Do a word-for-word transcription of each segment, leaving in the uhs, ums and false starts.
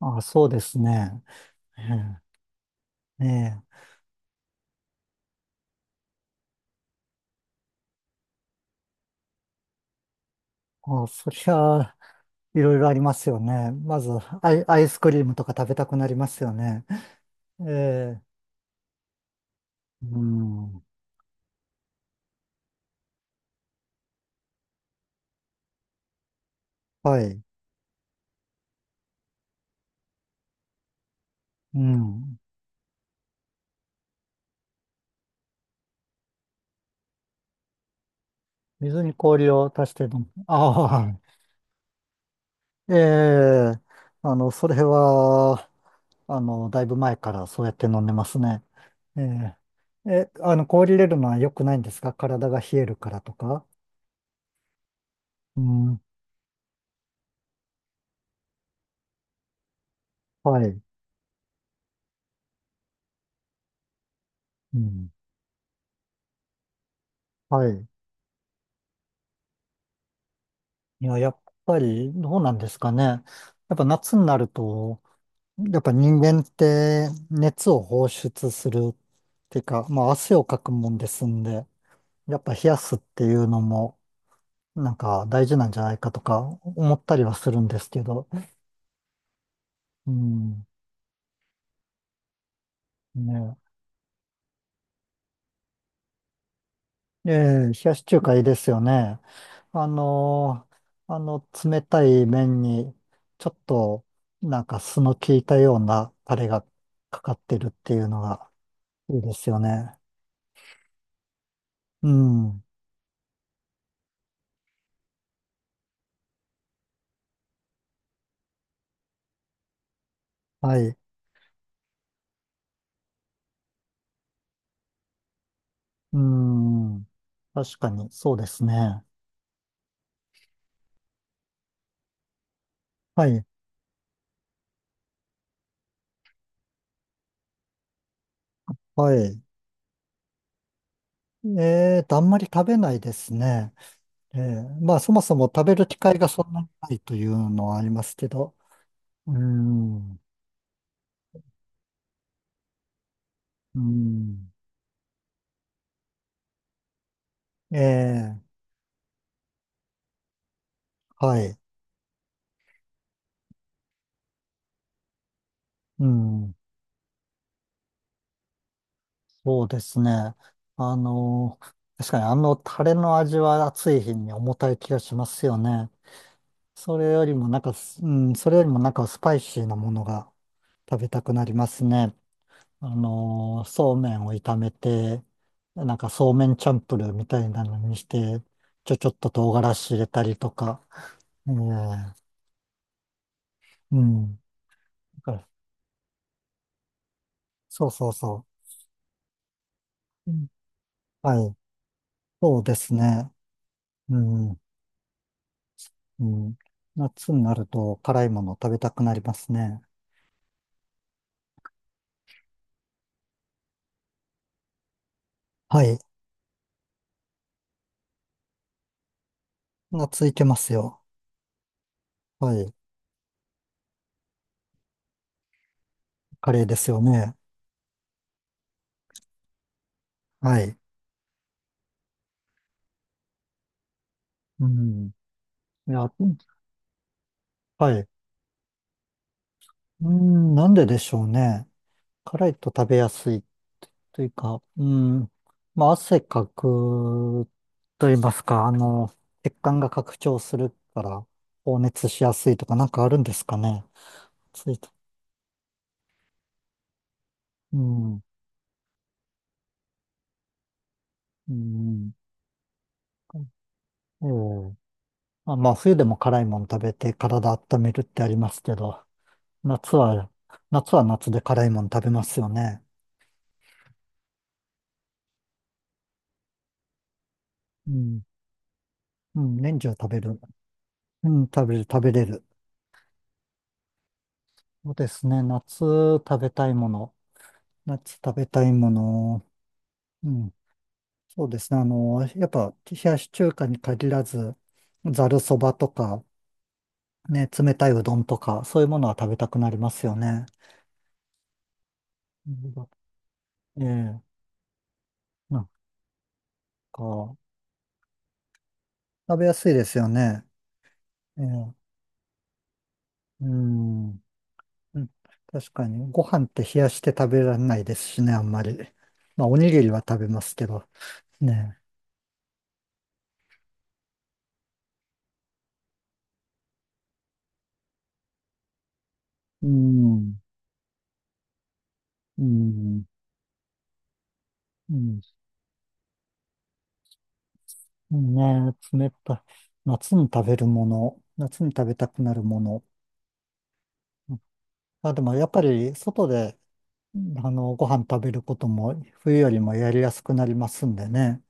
あ、そうですね。ええ、ねえ。あ、そりゃあ、いろいろありますよね。まずアイ、アイスクリームとか食べたくなりますよね。ええ、うん。はい。うん。水に氷を足して飲む。ああ、ええ、あの、それは、あの、だいぶ前からそうやって飲んでますね。ええ。え、あの、氷入れるのは良くないんですか？体が冷えるからとか。うん。はい。うん。はい。いや、やっぱりどうなんですかね。やっぱ夏になると、やっぱ人間って熱を放出するっていうか、まあ汗をかくもんですんで、やっぱ冷やすっていうのもなんか大事なんじゃないかとか思ったりはするんですけど、うん、ね。ええ、冷やし中華いいですよね。あのーあの冷たい麺にちょっとなんか酢の効いたようなタレがかかってるっていうのが。いいですよね。うん。はい。うん。確かに、そうですね。はい。はい。えーと、あんまり食べないですね。えーまあ、そもそも食べる機会がそんなにないというのはありますけど。うん。うん。ええ、はい。うん。そうですね。あの、確かにあのタレの味は暑い日に重たい気がしますよね。それよりもなんか、うん、それよりもなんかスパイシーなものが。食べたくなりますね。あのー、そうめんを炒めて、なんかそうめんチャンプルーみたいなのにして、ちょちょっと唐辛子入れたりとか、ええうん。だからそうそうそう。うんはい。そうですね。うん。うん。夏になると辛いもの食べたくなりますね。はい。夏いけますよ。はい。カレーですよね。はい。うん。いや、うんはい。うん、なんででしょうね。辛いと食べやすいというか、うん、まあ、汗かくと言いますか、あの、血管が拡張するから放熱しやすいとかなんかあるんですかね。ついて。うん、うん。ええまあ、まあ、冬でも辛いもの食べて体温めるってありますけど、夏は、夏は夏で辛いもの食べますよね。うん、うん、年中食べる。うん、食べる、食べれる。そうですね。夏食べたいもの。夏食べたいもの。うんそうですね。あの、やっぱ、冷やし中華に限らず、ざるそばとか、ね、冷たいうどんとか、そういうものは食べたくなりますよね。うんええ、なんか、食べやすいですよね。ええ、うん、うん確かに、ご飯って冷やして食べられないですしね、あんまり。まあ、おにぎりは食べますけど、ね。うん、うん、うん、んね、冷たい。夏に食べるもの、夏に食べたくなるもの。あ、でもやっぱり外で、あの、ご飯食べることも冬よりもやりやすくなりますんでね。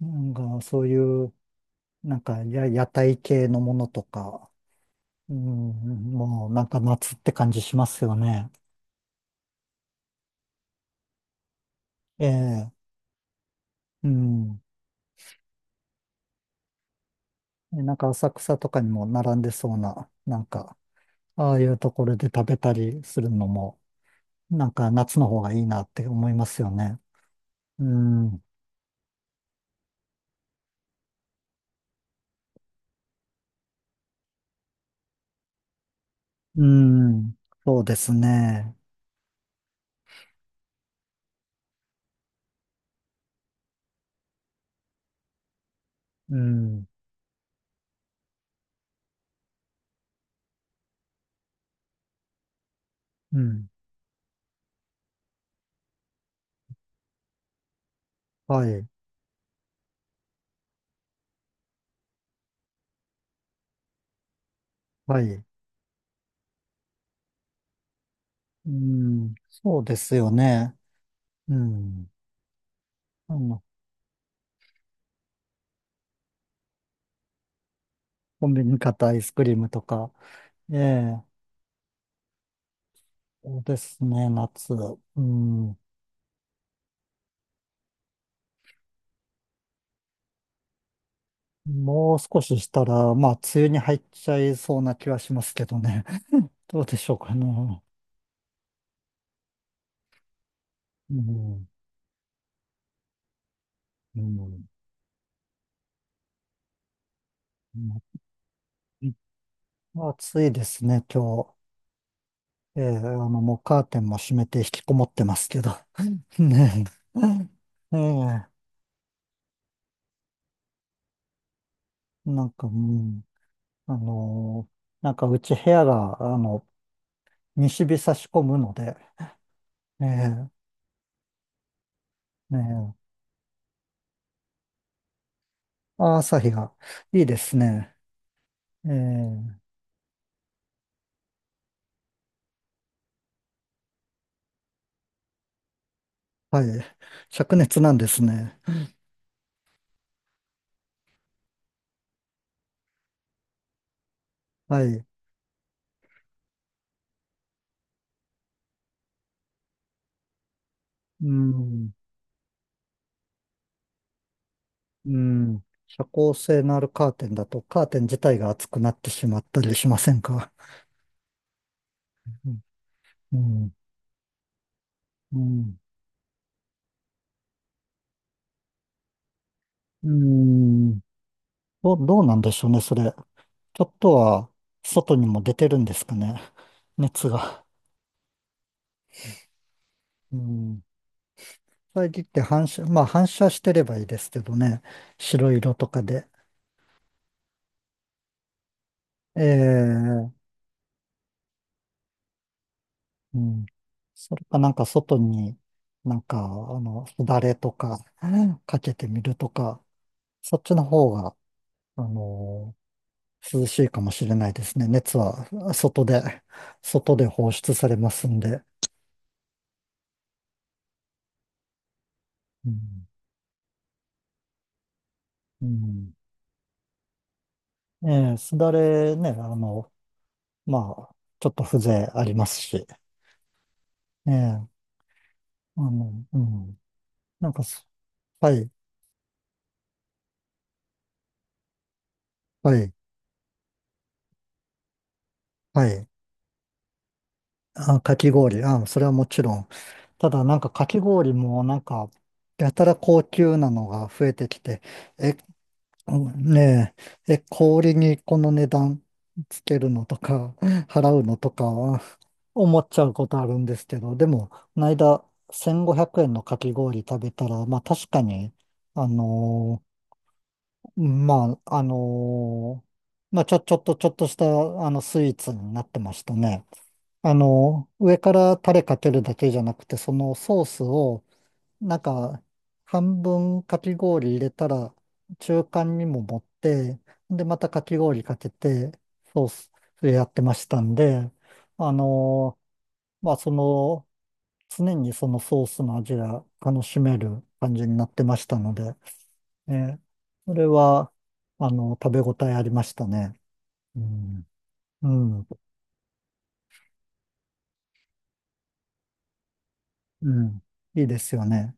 なんかそういう、なんかや屋台系のものとか、うん、もうなんか夏って感じしますよね。ええ、うん。でなんか浅草とかにも並んでそうな、なんか、ああいうところで食べたりするのも、なんか夏の方がいいなって思いますよね。うん、うん、そうですね。うん、うん。はい。はい。うん、そうですよね。うん。あの、コンビニ買ったアイスクリームとか。ええ、そうですね、夏。うん。もう少ししたら、まあ、梅雨に入っちゃいそうな気はしますけどね。どうでしょうかね。うん。うん。まあ暑いですね、今日。ええ、あの、もうカーテンも閉めて引きこもってますけど。ねえ。ええ、なんか、うん。あのーなんかうち部屋が、あの、西日差し込むので、ええ、え、あ朝日がいいですね。ええ、はい。灼熱なんですね。はい。うん、うん。遮光性のあるカーテンだと、カーテン自体が熱くなってしまったりしませんか？うん、うん、うん。うんどう、どうなんでしょうね、それ。ちょっとは、外にも出てるんですかね。熱が。うん遮って反射、まあ反射してればいいですけどね。白色とかで。ええうん。それかなんか外に、なんか、あの、すだれとか、かけてみるとか、そっちの方が、あの涼しいかもしれないですね。熱は外で、外で放出されますんで。うん。うん、ええすだれね、あの、まあ、ちょっと風情ありますし。ええあの、うん。なんかそ、はい、はい。はい。あ、かき氷。あ、それはもちろん。ただ、なんかかき氷も、なんか、やたら高級なのが増えてきて、え、ねえ、え、氷にこの値段つけるのとか、払うのとか、思っちゃうことあるんですけど、でも、この間、せんごひゃくえんのかき氷食べたら、まあ確かに、あのーまあ、あのーまあちょ、ちょっと、ちょっとした、あの、スイーツになってましたね。あの、上からタレかけるだけじゃなくて、そのソースを、なんか、半分かき氷入れたら、中間にも持って、で、またかき氷かけて、ソースでやってましたんで、あの、まあ、その、常にそのソースの味が楽しめる感じになってましたので、えーそれは、あの、食べ応えありましたね。うん、うん、うん、いいですよね。